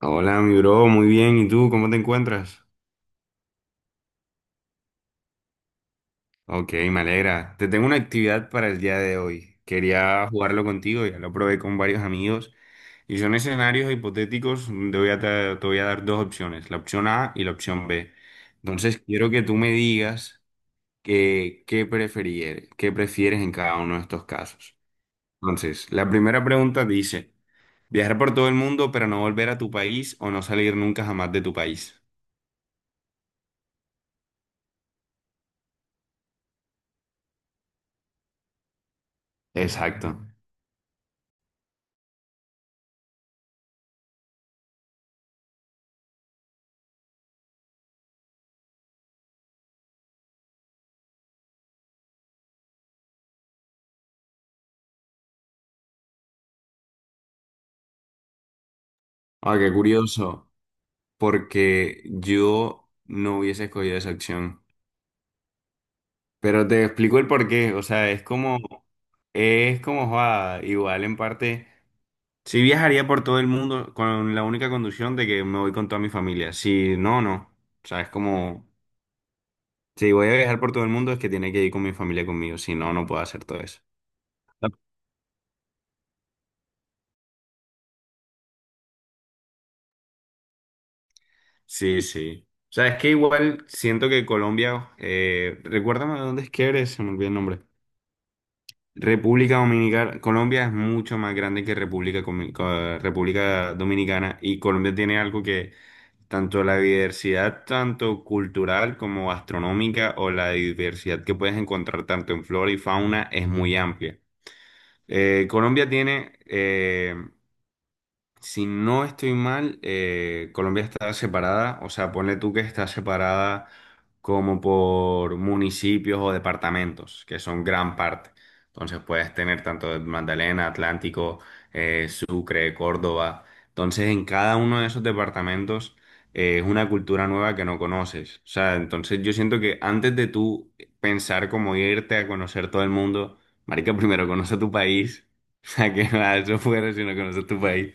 Hola, mi bro, muy bien. ¿Y tú cómo te encuentras? Ok, me alegra. Te tengo una actividad para el día de hoy. Quería jugarlo contigo, ya lo probé con varios amigos. Y son escenarios hipotéticos. Te voy a dar dos opciones, la opción A y la opción B. Entonces, quiero que tú me digas qué prefieres en cada uno de estos casos. Entonces, la primera pregunta dice, viajar por todo el mundo pero no volver a tu país o no salir nunca jamás de tu país. Exacto. Ah, qué curioso, porque yo no hubiese escogido esa opción. Pero te explico el porqué. O sea, es como, joda, igual en parte, sí viajaría por todo el mundo con la única condición de que me voy con toda mi familia. Si no, no. O sea, es como, si voy a viajar por todo el mundo es que tiene que ir con mi familia conmigo, si no, no puedo hacer todo eso. Sí, sí. O sea, es que igual siento que Colombia, recuérdame de dónde es que eres, se me olvidó el nombre. República Dominicana, Colombia es mucho más grande que República Dominicana, y Colombia tiene algo que tanto la diversidad, tanto cultural como astronómica, o la diversidad que puedes encontrar tanto en flora y fauna, es muy amplia. Colombia tiene si no estoy mal, Colombia está separada. O sea, ponle tú que está separada como por municipios o departamentos, que son gran parte. Entonces puedes tener tanto de Magdalena, Atlántico, Sucre, Córdoba. Entonces en cada uno de esos departamentos es una cultura nueva que no conoces. O sea, entonces yo siento que antes de tú pensar como irte a conocer todo el mundo, marica, primero conoce tu país. O sea, que nada, eso fuera si no conoces tu país.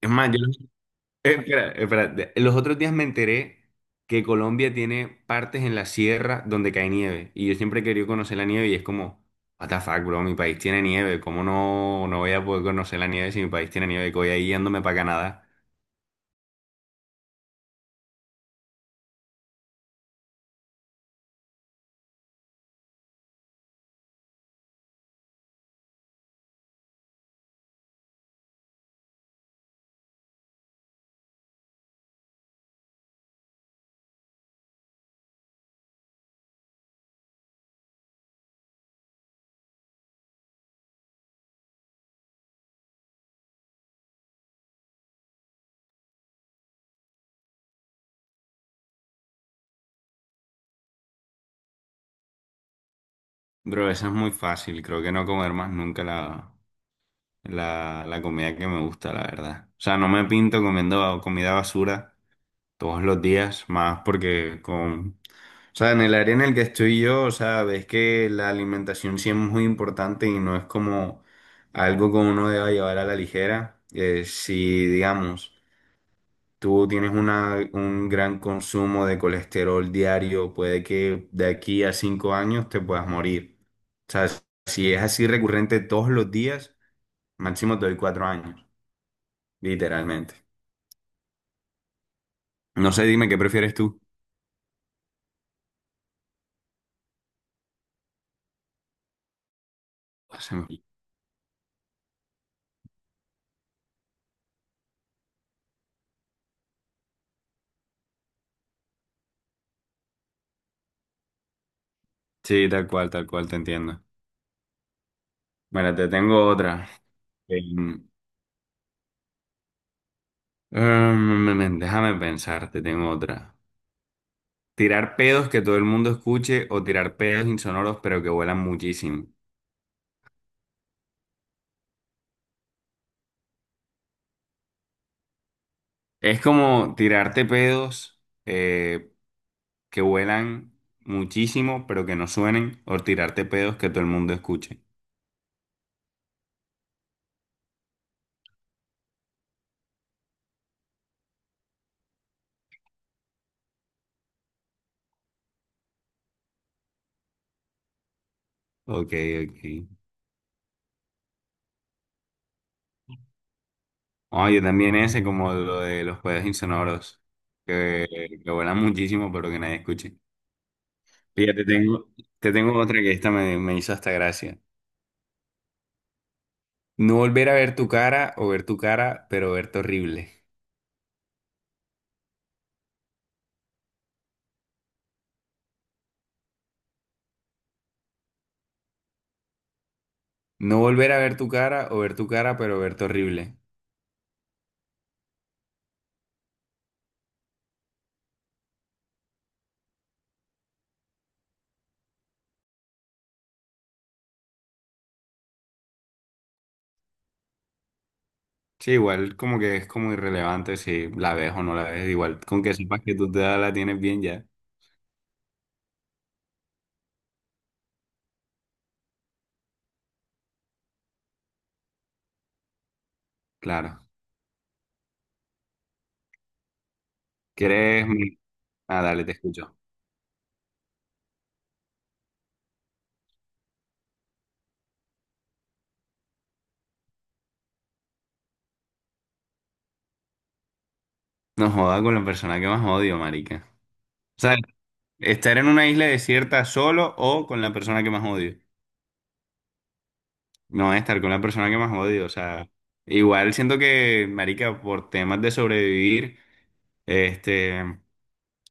Es más, yo, espera, espera, los otros días me enteré que Colombia tiene partes en la sierra donde cae nieve. Y yo siempre he querido conocer la nieve y es como, what the fuck, bro, mi país tiene nieve. ¿Cómo no, no voy a poder conocer la nieve si mi país tiene nieve? Que voy ahí yéndome para Canadá. Bro, eso es muy fácil. Creo que no comer más nunca la comida que me gusta, la verdad. O sea, no me pinto comiendo comida basura todos los días, más porque con… O sea, en el área en el que estoy yo, o sea, ves que la alimentación sí es muy importante y no es como algo que uno deba llevar a la ligera. Si, digamos, tú tienes un gran consumo de colesterol diario, puede que de aquí a 5 años te puedas morir. O sea, si es así recurrente todos los días, máximo te doy 4 años, literalmente. No sé, dime, ¿qué prefieres tú? Se me… Sí, tal cual, te entiendo. Bueno, te tengo otra. Eh, Déjame pensar, te tengo otra. Tirar pedos que todo el mundo escuche o tirar pedos insonoros pero que vuelan muchísimo. Es como tirarte pedos eh, que vuelan muchísimo pero que no suenen, o tirarte pedos que todo el mundo escuche. Ok, ok. Oye, también ese como lo de los pedos insonoros que, que vuelan muchísimo pero que nadie escuche. Fíjate, te tengo otra que esta me hizo hasta gracia. No volver a ver tu cara, o ver tu cara pero verte horrible. No volver a ver tu cara, o ver tu cara pero verte horrible. Sí, igual como que es como irrelevante si la ves o no la ves. Igual, con que sepas que tú te la tienes bien, ya. Claro. ¿Quieres? Mi… Ah, dale, te escucho. No joda, con la persona que más odio, marica. O sea, estar en una isla desierta solo o con la persona que más odio. No, estar con la persona que más odio. O sea, igual siento que, marica, por temas de sobrevivir, este…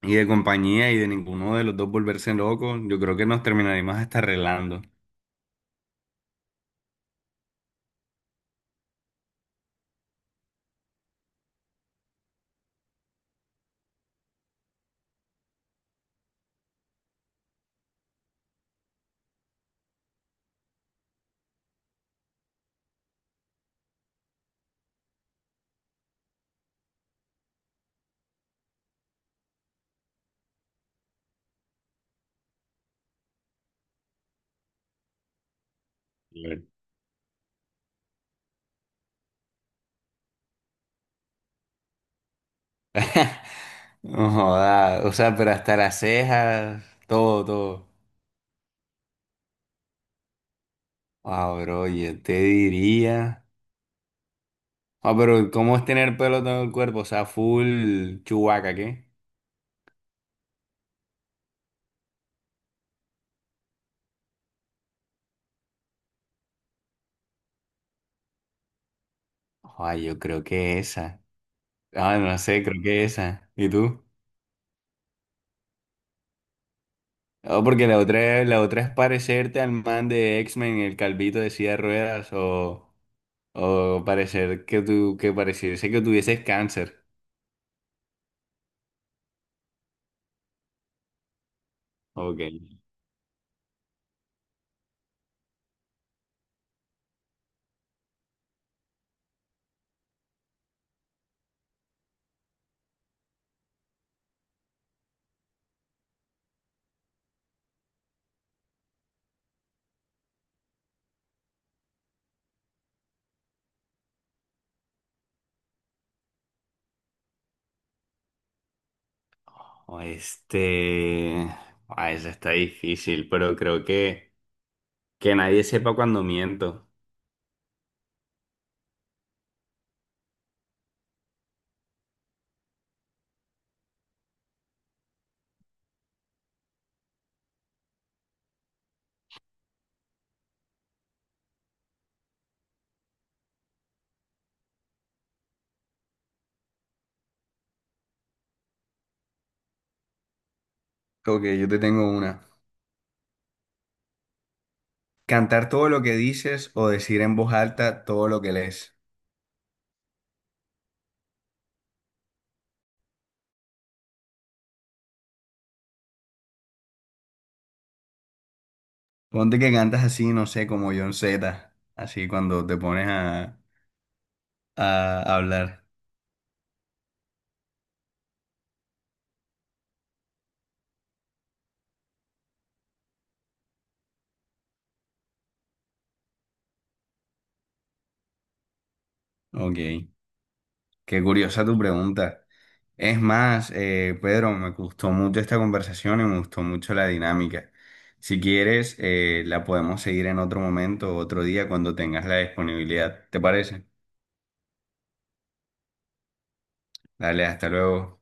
y de compañía y de ninguno de los dos volverse loco, yo creo que nos terminaríamos hasta arreglando. Claro. No joda, o sea, pero hasta las cejas, todo, todo. Ah, bro, yo te diría. Ah, pero ¿cómo es tener pelo todo el cuerpo? O sea, full chubaca, ¿qué? Ah, yo creo que esa. Ah, no sé, creo que esa. ¿Y tú? Ah, porque la otra es parecerte al man de X-Men, el calvito de silla de ruedas, o. O parecer que tú, que pareciese que tuvieses cáncer. Ok. O este… Ah, esa está difícil, pero creo que nadie sepa cuando miento. Ok, yo te tengo una. Cantar todo lo que dices o decir en voz alta todo lo que lees. Ponte que cantas así, no sé, como John Z, así cuando te pones a hablar. Ok, qué curiosa tu pregunta. Es más, Pedro, me gustó mucho esta conversación y me gustó mucho la dinámica. Si quieres, la podemos seguir en otro momento, otro día, cuando tengas la disponibilidad. ¿Te parece? Dale, hasta luego.